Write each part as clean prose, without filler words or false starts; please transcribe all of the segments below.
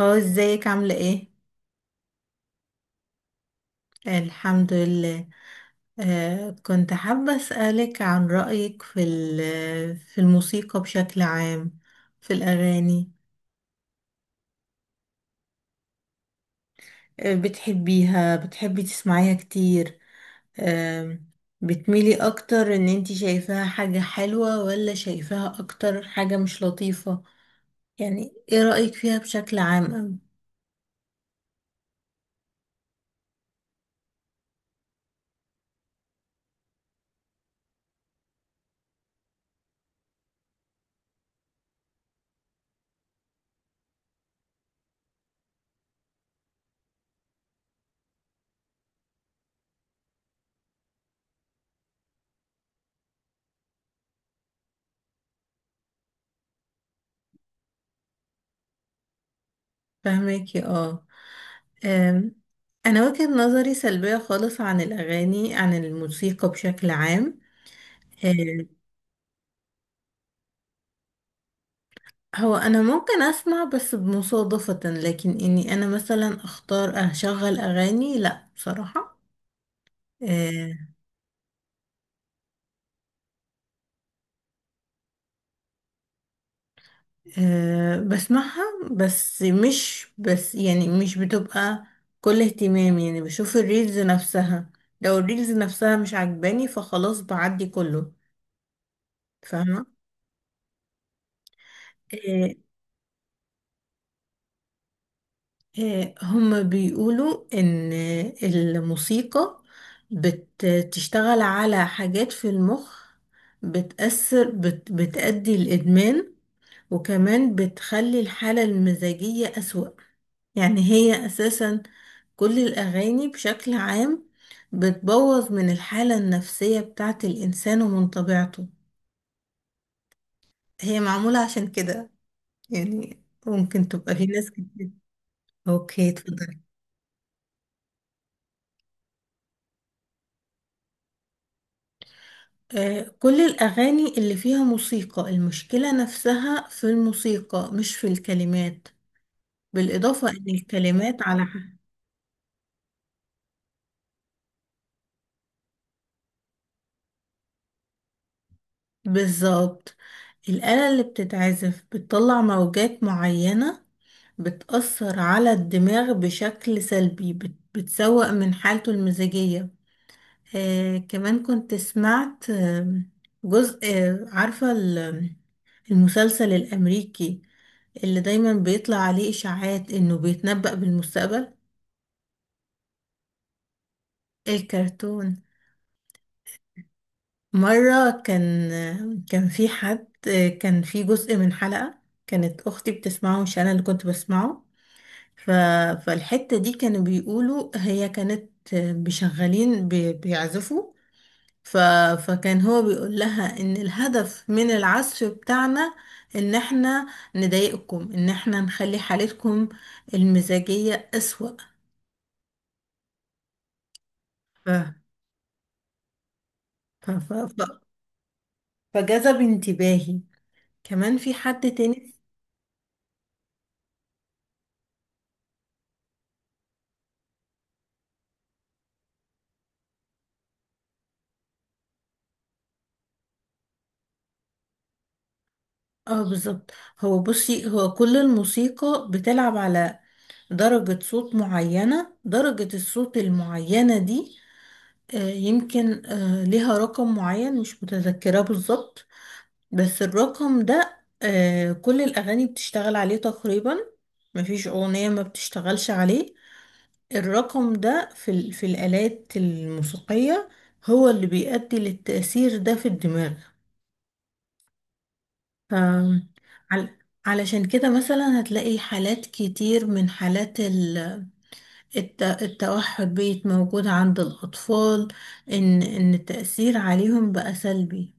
هو ازيك عاملة ايه؟ الحمد لله. كنت حابة أسألك عن رأيك في الموسيقى بشكل عام، في الأغاني. بتحبيها بتحبي تسمعيها كتير؟ آه بتميلي أكتر إن انتي شايفاها حاجة حلوة ولا شايفاها أكتر حاجة مش لطيفة؟ يعني ايه رأيك فيها بشكل عام أوي؟ فهماكي اه. آم، أنا وجهة نظري سلبية خالص عن الأغاني، عن الموسيقى بشكل عام. آه، هو انا ممكن اسمع بس بمصادفة، لكن اني انا مثلا اختار اشغل اغاني لا بصراحة. آه. بسمعها، بس مش بس يعني مش بتبقى كل اهتمامي، يعني بشوف الريلز نفسها. لو الريلز نفسها مش عجباني فخلاص بعدي كله. فاهمة. آه، هما بيقولوا إن الموسيقى بتشتغل على حاجات في المخ، بتأثر بتأدي الإدمان، وكمان بتخلي الحالة المزاجية أسوأ. يعني هي أساسا كل الأغاني بشكل عام بتبوظ من الحالة النفسية بتاعة الإنسان ومن طبيعته، هي معمولة عشان كده. يعني ممكن تبقى في ناس كتير. أوكي اتفضلي. كل الأغاني اللي فيها موسيقى المشكلة نفسها في الموسيقى مش في الكلمات، بالإضافة إن الكلمات على بالظبط. الآلة اللي بتتعزف بتطلع موجات معينة، بتأثر على الدماغ بشكل سلبي، بتسوء من حالته المزاجية. كمان كنت سمعت، جزء، عارفة المسلسل الأمريكي اللي دايما بيطلع عليه إشاعات إنه بيتنبأ بالمستقبل؟ الكرتون. مرة كان في حد، كان في جزء من حلقة كانت أختي بتسمعه مش أنا اللي كنت بسمعه. ف... فالحتة دي كانوا بيقولوا هي كانت بيشغلين بيعزفوا. ف... فكان هو بيقول لها إن الهدف من العزف بتاعنا إن إحنا نضايقكم، إن إحنا نخلي حالتكم المزاجية أسوأ. ف... ف... ف... فجذب انتباهي. كمان في حد تاني. اه بالظبط. هو بصي هو كل الموسيقى بتلعب على درجة صوت معينة، درجة الصوت المعينة دي يمكن ليها رقم معين مش متذكرة بالظبط. بس الرقم ده كل الأغاني بتشتغل عليه تقريبا، مفيش أغنية ما بتشتغلش عليه. الرقم ده في الآلات الموسيقية هو اللي بيؤدي للتأثير ده في الدماغ. آم، عل- علشان كده مثلا هتلاقي حالات كتير من حالات التوحد بقت موجودة عند الأطفال، إن التأثير عليهم بقى سلبي.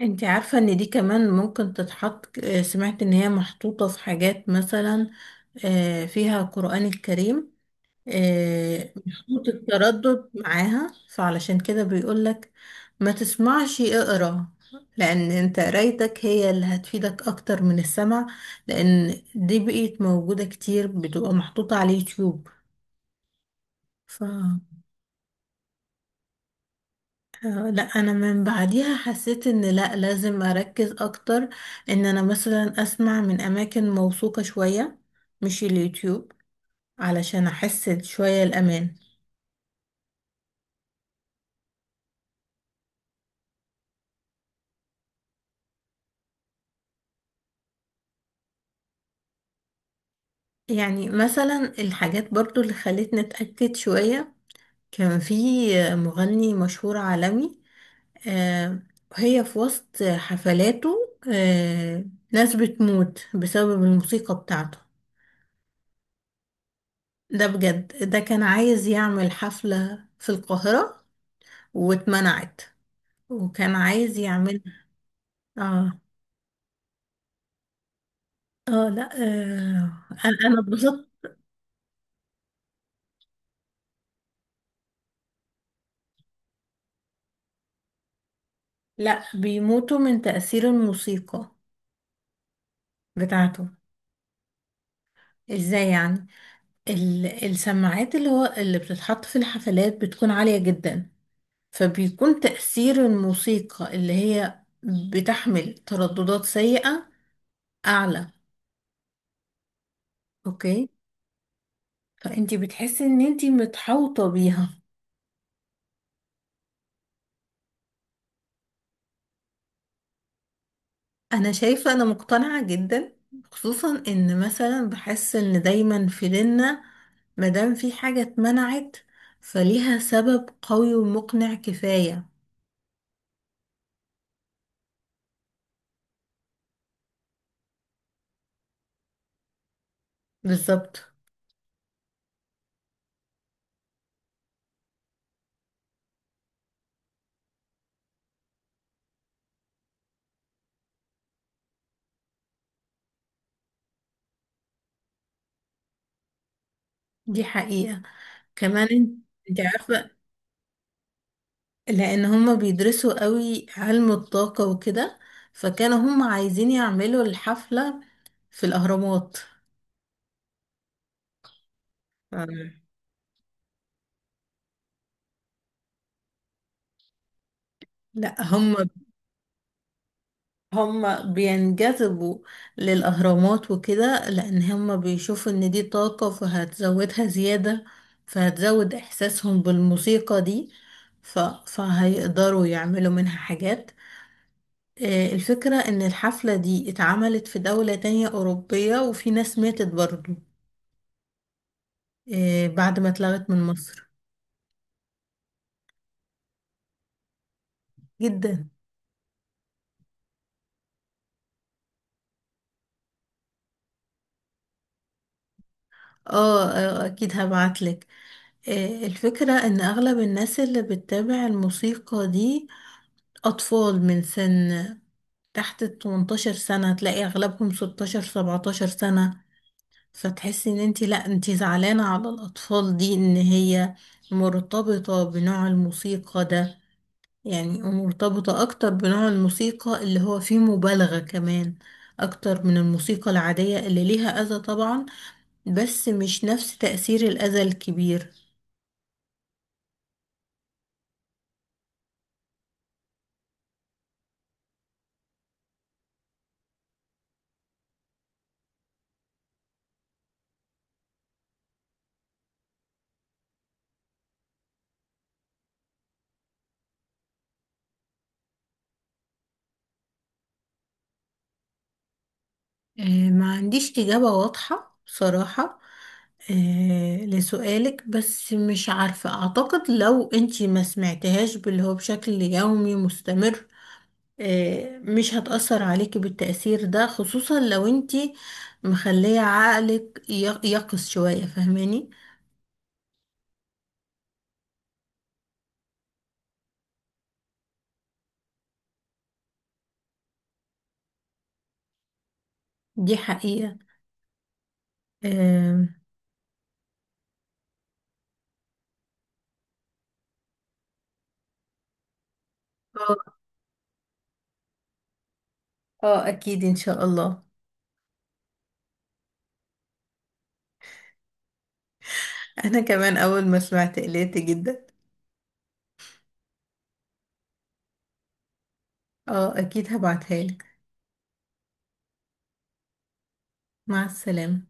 انت عارفة إن دي كمان ممكن تتحط، سمعت إن هي محطوطة في حاجات مثلا فيها القرآن الكريم. محطوط التردد معاها فعلشان كده بيقولك ما تسمعش اقرا، لان انت قرايتك هي اللي هتفيدك اكتر من السمع، لان دي بقيت موجودة كتير بتبقى محطوطة على اليوتيوب. ف لا انا من بعديها حسيت ان لا لازم اركز اكتر، ان انا مثلا اسمع من اماكن موثوقة شوية مش اليوتيوب علشان احس شوية الامان. يعني مثلا الحاجات برضو اللي خلتني اتأكد شوية، كان في مغني مشهور عالمي، آه، هي في وسط حفلاته ناس بتموت بسبب الموسيقى بتاعته. ده بجد. ده كان عايز يعمل حفلة في القاهرة واتمنعت، وكان عايز يعملها. اه. اه لا انا اتبسطت. لا بيموتوا من تأثير الموسيقى بتاعته. ازاي يعني؟ السماعات اللي بتتحط في الحفلات بتكون عالية جدا، فبيكون تأثير الموسيقى اللي هي بتحمل ترددات سيئة أعلى. أوكي. فأنتي بتحسي إن أنتي متحوطة بيها. أنا شايفة، أنا مقتنعة جدا، خصوصا إن مثلا بحس إن دايما في ديننا مادام في حاجة اتمنعت فليها سبب قوي ومقنع كفاية. بالظبط، دي حقيقة. كمان انت عارفة لان هما بيدرسوا قوي علم الطاقة وكده، فكانوا هما عايزين يعملوا الحفلة في الاهرامات. أم. لا هما بينجذبوا للاهرامات وكده لان هما بيشوفوا ان دي طاقة فهتزودها زيادة، فهتزود احساسهم بالموسيقى دي. فهيقدروا يعملوا منها حاجات. الفكرة ان الحفلة دي اتعملت في دولة تانية اوروبية وفي ناس ماتت برضو بعد ما اتلغت من مصر. جدا. اه. اكيد هبعتلك. الفكرة ان اغلب الناس اللي بتتابع الموسيقى دي اطفال من سن تحت ال 18 سنة، تلاقي اغلبهم 16 17 سنة. فتحسي ان انتي لا انتي زعلانة على الاطفال دي ان هي مرتبطة بنوع الموسيقى ده، يعني مرتبطة اكتر بنوع الموسيقى اللي هو فيه مبالغة كمان اكتر من الموسيقى العادية اللي ليها اذى طبعا، بس مش نفس تأثير الأذى الكبير. ما عنديش إجابة واضحة بصراحة لسؤالك، بس مش عارفة، أعتقد لو أنتي ما سمعتهاش باللي هو بشكل يومي مستمر مش هتأثر عليكي بالتأثير ده، خصوصا لو أنتي مخلية عقلك يقظ شوية، فاهماني؟ دي حقيقة. آه. آه. أكيد إن شاء الله. أنا كمان أول ما سمعت قلقت جدا. اه اكيد هبعتها لك. مع السلامة.